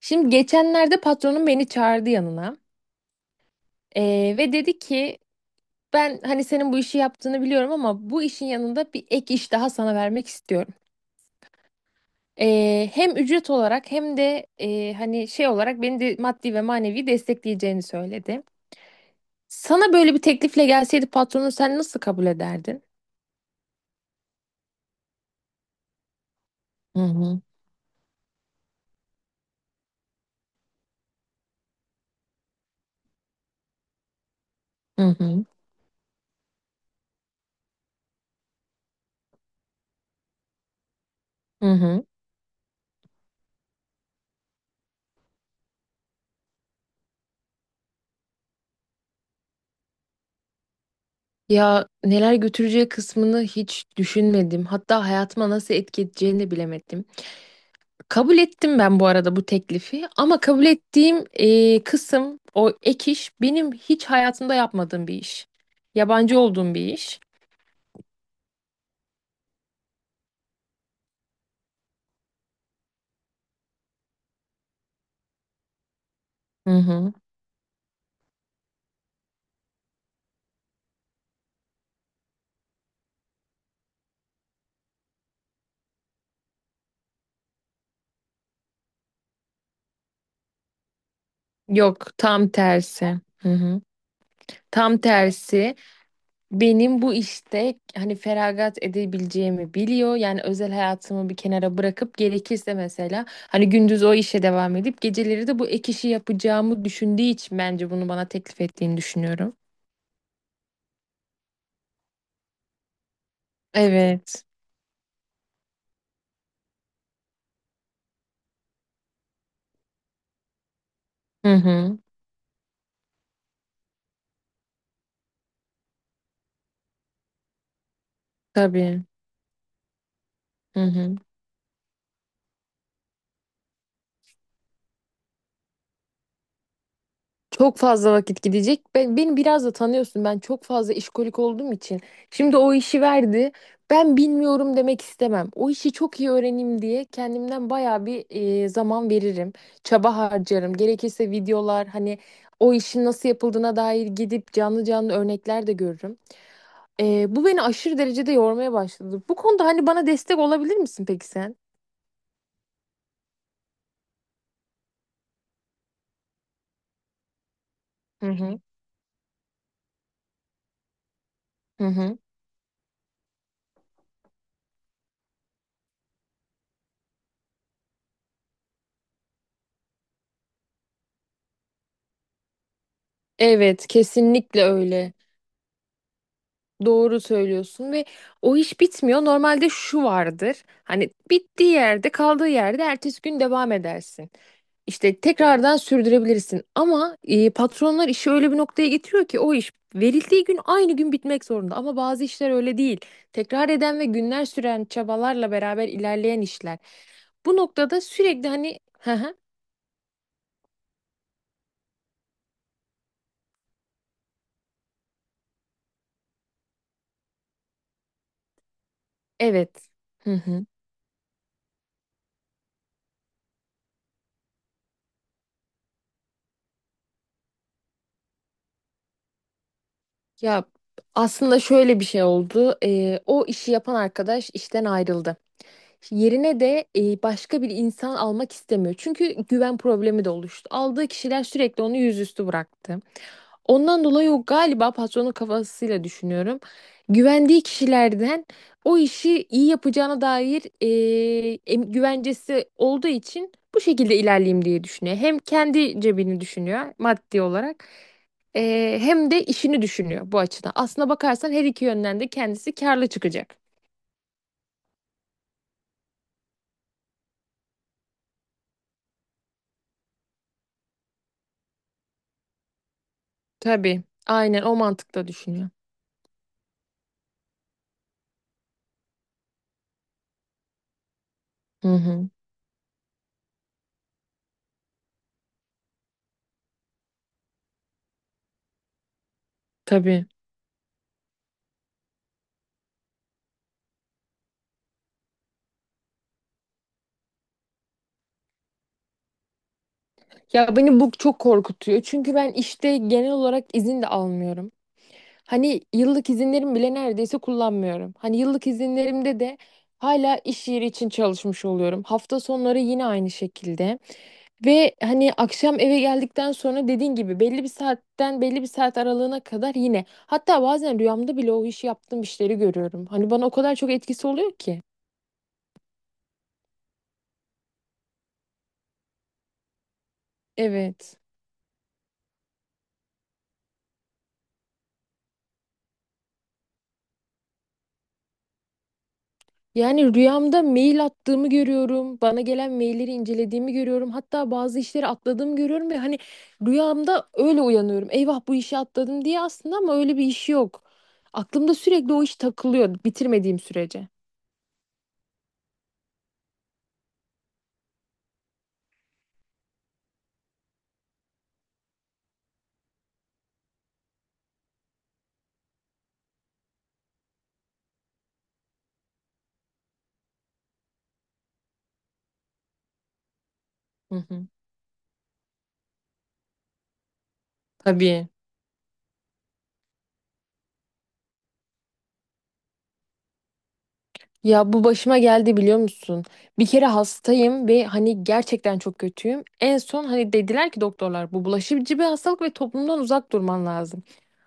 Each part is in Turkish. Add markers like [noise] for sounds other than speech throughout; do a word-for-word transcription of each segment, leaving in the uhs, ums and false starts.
Şimdi geçenlerde patronum beni çağırdı yanına. Ee, ve dedi ki ben hani senin bu işi yaptığını biliyorum ama bu işin yanında bir ek iş daha sana vermek istiyorum. Ee, hem ücret olarak hem de e, hani şey olarak beni de maddi ve manevi destekleyeceğini söyledi. Sana böyle bir teklifle gelseydi patronun sen nasıl kabul ederdin? Hı hı, hı hı, hı hı. Ya neler götüreceği kısmını hiç düşünmedim. Hatta hayatıma nasıl etki edeceğini de bilemedim. Kabul ettim ben bu arada bu teklifi ama kabul ettiğim e, kısım o ek iş benim hiç hayatımda yapmadığım bir iş. Yabancı olduğum bir iş. Hı hı. Yok tam tersi. Hı hı. Tam tersi benim bu işte hani feragat edebileceğimi biliyor. Yani özel hayatımı bir kenara bırakıp gerekirse mesela hani gündüz o işe devam edip geceleri de bu ek işi yapacağımı düşündüğü için bence bunu bana teklif ettiğini düşünüyorum. Evet. Hı hı. Tabii. Hı hı. Çok fazla vakit gidecek. Ben, beni biraz da tanıyorsun. Ben çok fazla işkolik olduğum için. Şimdi o işi verdi. Ben bilmiyorum demek istemem. O işi çok iyi öğreneyim diye kendimden bayağı bir e, zaman veririm. Çaba harcarım. Gerekirse videolar hani o işin nasıl yapıldığına dair gidip canlı canlı örnekler de görürüm. E, bu beni aşırı derecede yormaya başladı. Bu konuda hani bana destek olabilir misin peki sen? Hı hı. Hı hı. Evet, kesinlikle öyle. Doğru söylüyorsun ve o iş bitmiyor. Normalde şu vardır. Hani bittiği yerde, kaldığı yerde ertesi gün devam edersin. İşte tekrardan sürdürebilirsin. Ama e, patronlar işi öyle bir noktaya getiriyor ki o iş verildiği gün aynı gün bitmek zorunda. Ama bazı işler öyle değil. Tekrar eden ve günler süren çabalarla beraber ilerleyen işler. Bu noktada sürekli hani hı hı, evet. Hı hı. Ya aslında şöyle bir şey oldu. E, o işi yapan arkadaş işten ayrıldı. Yerine de e, başka bir insan almak istemiyor. Çünkü güven problemi de oluştu. Aldığı kişiler sürekli onu yüzüstü bıraktı. Ondan dolayı o galiba patronun kafasıyla düşünüyorum. Güvendiği kişilerden o işi iyi yapacağına dair e, em- güvencesi olduğu için bu şekilde ilerleyeyim diye düşünüyor. Hem kendi cebini düşünüyor maddi olarak, e, hem de işini düşünüyor bu açıdan. Aslına bakarsan her iki yönden de kendisi karlı çıkacak. Tabii, aynen o mantıkla düşünüyor. Hı hı. Tabii. Ya beni bu çok korkutuyor. Çünkü ben işte genel olarak izin de almıyorum. Hani yıllık izinlerim bile neredeyse kullanmıyorum. Hani yıllık izinlerimde de hala iş yeri için çalışmış oluyorum. Hafta sonları yine aynı şekilde. Ve hani akşam eve geldikten sonra dediğin gibi belli bir saatten belli bir saat aralığına kadar yine. Hatta bazen rüyamda bile o işi yaptığım işleri görüyorum. Hani bana o kadar çok etkisi oluyor ki. Evet. Yani rüyamda mail attığımı görüyorum. Bana gelen mailleri incelediğimi görüyorum. Hatta bazı işleri atladığımı görüyorum ve hani rüyamda öyle uyanıyorum. Eyvah bu işi atladım diye aslında ama öyle bir iş yok. Aklımda sürekli o iş takılıyor bitirmediğim sürece. Hı hı. Tabii. Ya bu başıma geldi biliyor musun? Bir kere hastayım ve hani gerçekten çok kötüyüm. En son hani dediler ki doktorlar bu bulaşıcı bir hastalık ve toplumdan uzak durman lazım.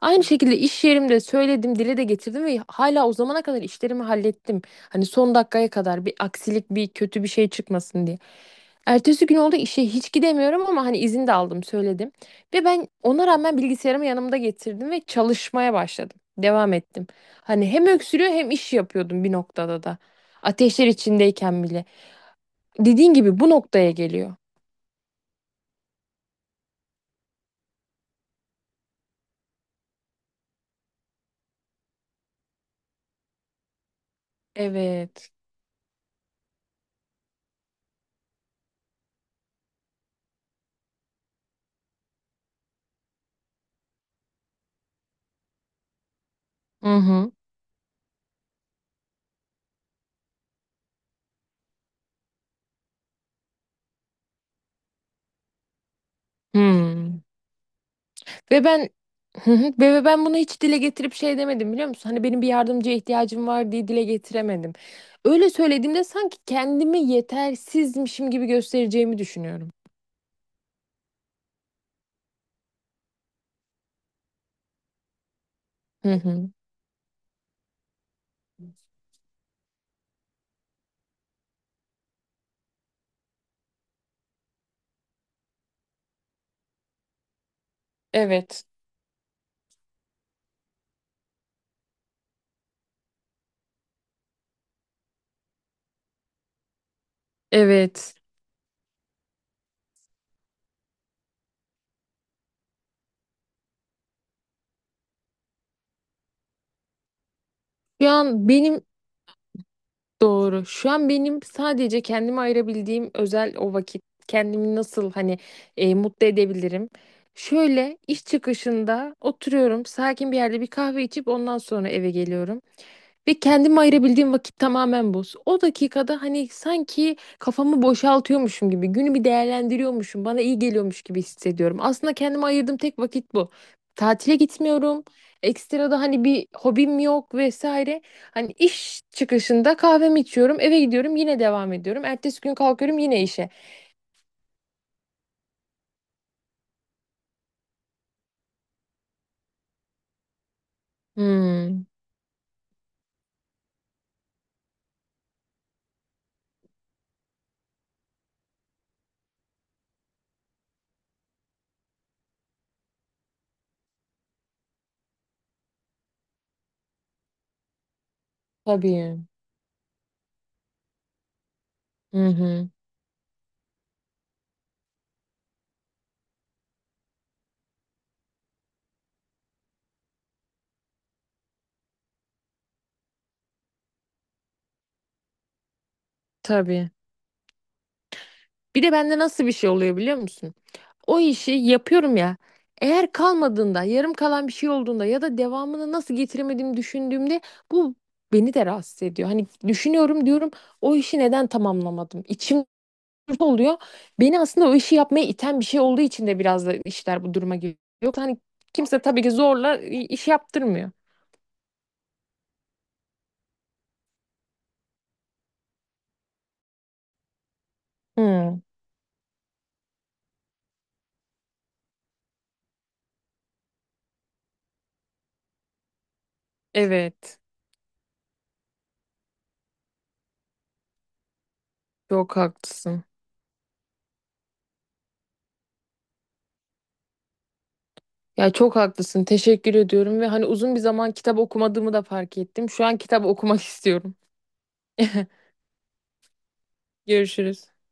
Aynı şekilde iş yerimde söyledim, dile de getirdim ve hala o zamana kadar işlerimi hallettim. Hani son dakikaya kadar bir aksilik, bir kötü bir şey çıkmasın diye. Ertesi gün oldu işe hiç gidemiyorum ama hani izin de aldım, söyledim. Ve ben ona rağmen bilgisayarımı yanımda getirdim ve çalışmaya başladım. Devam ettim. Hani hem öksürüyor hem iş yapıyordum bir noktada da. Ateşler içindeyken bile. Dediğin gibi bu noktaya geliyor. Evet. Hı hı. Hmm. Ve ben Hı hı. ve ve ben bunu hiç dile getirip şey demedim biliyor musun? Hani benim bir yardımcıya ihtiyacım var diye dile getiremedim. Öyle söylediğimde sanki kendimi yetersizmişim gibi göstereceğimi düşünüyorum. Hı hı. Evet. Evet. Şu an benim Doğru. Şu an benim sadece kendime ayırabildiğim özel o vakit. Kendimi nasıl hani e, mutlu edebilirim? Şöyle iş çıkışında oturuyorum, sakin bir yerde bir kahve içip ondan sonra eve geliyorum. Ve kendime ayırabildiğim vakit tamamen bu. O dakikada hani sanki kafamı boşaltıyormuşum gibi, günü bir değerlendiriyormuşum, bana iyi geliyormuş gibi hissediyorum. Aslında kendime ayırdığım tek vakit bu. Tatile gitmiyorum. Ekstra da hani bir hobim yok vesaire. Hani iş çıkışında kahvemi içiyorum, eve gidiyorum, yine devam ediyorum. Ertesi gün kalkıyorum yine işe. Hmm, tabii. Hı hı, tabii. Bir de bende nasıl bir şey oluyor biliyor musun? O işi yapıyorum ya. Eğer kalmadığında, yarım kalan bir şey olduğunda ya da devamını nasıl getiremediğimi düşündüğümde bu beni de rahatsız ediyor. Hani düşünüyorum diyorum o işi neden tamamlamadım? İçim olursa oluyor. Beni aslında o işi yapmaya iten bir şey olduğu için de biraz da işler bu duruma geliyor. Yoksa hani kimse tabii ki zorla i- iş yaptırmıyor. Hmm, evet. Çok haklısın. Ya çok haklısın. Teşekkür ediyorum ve hani uzun bir zaman kitap okumadığımı da fark ettim. Şu an kitap okumak istiyorum. [laughs] Görüşürüz.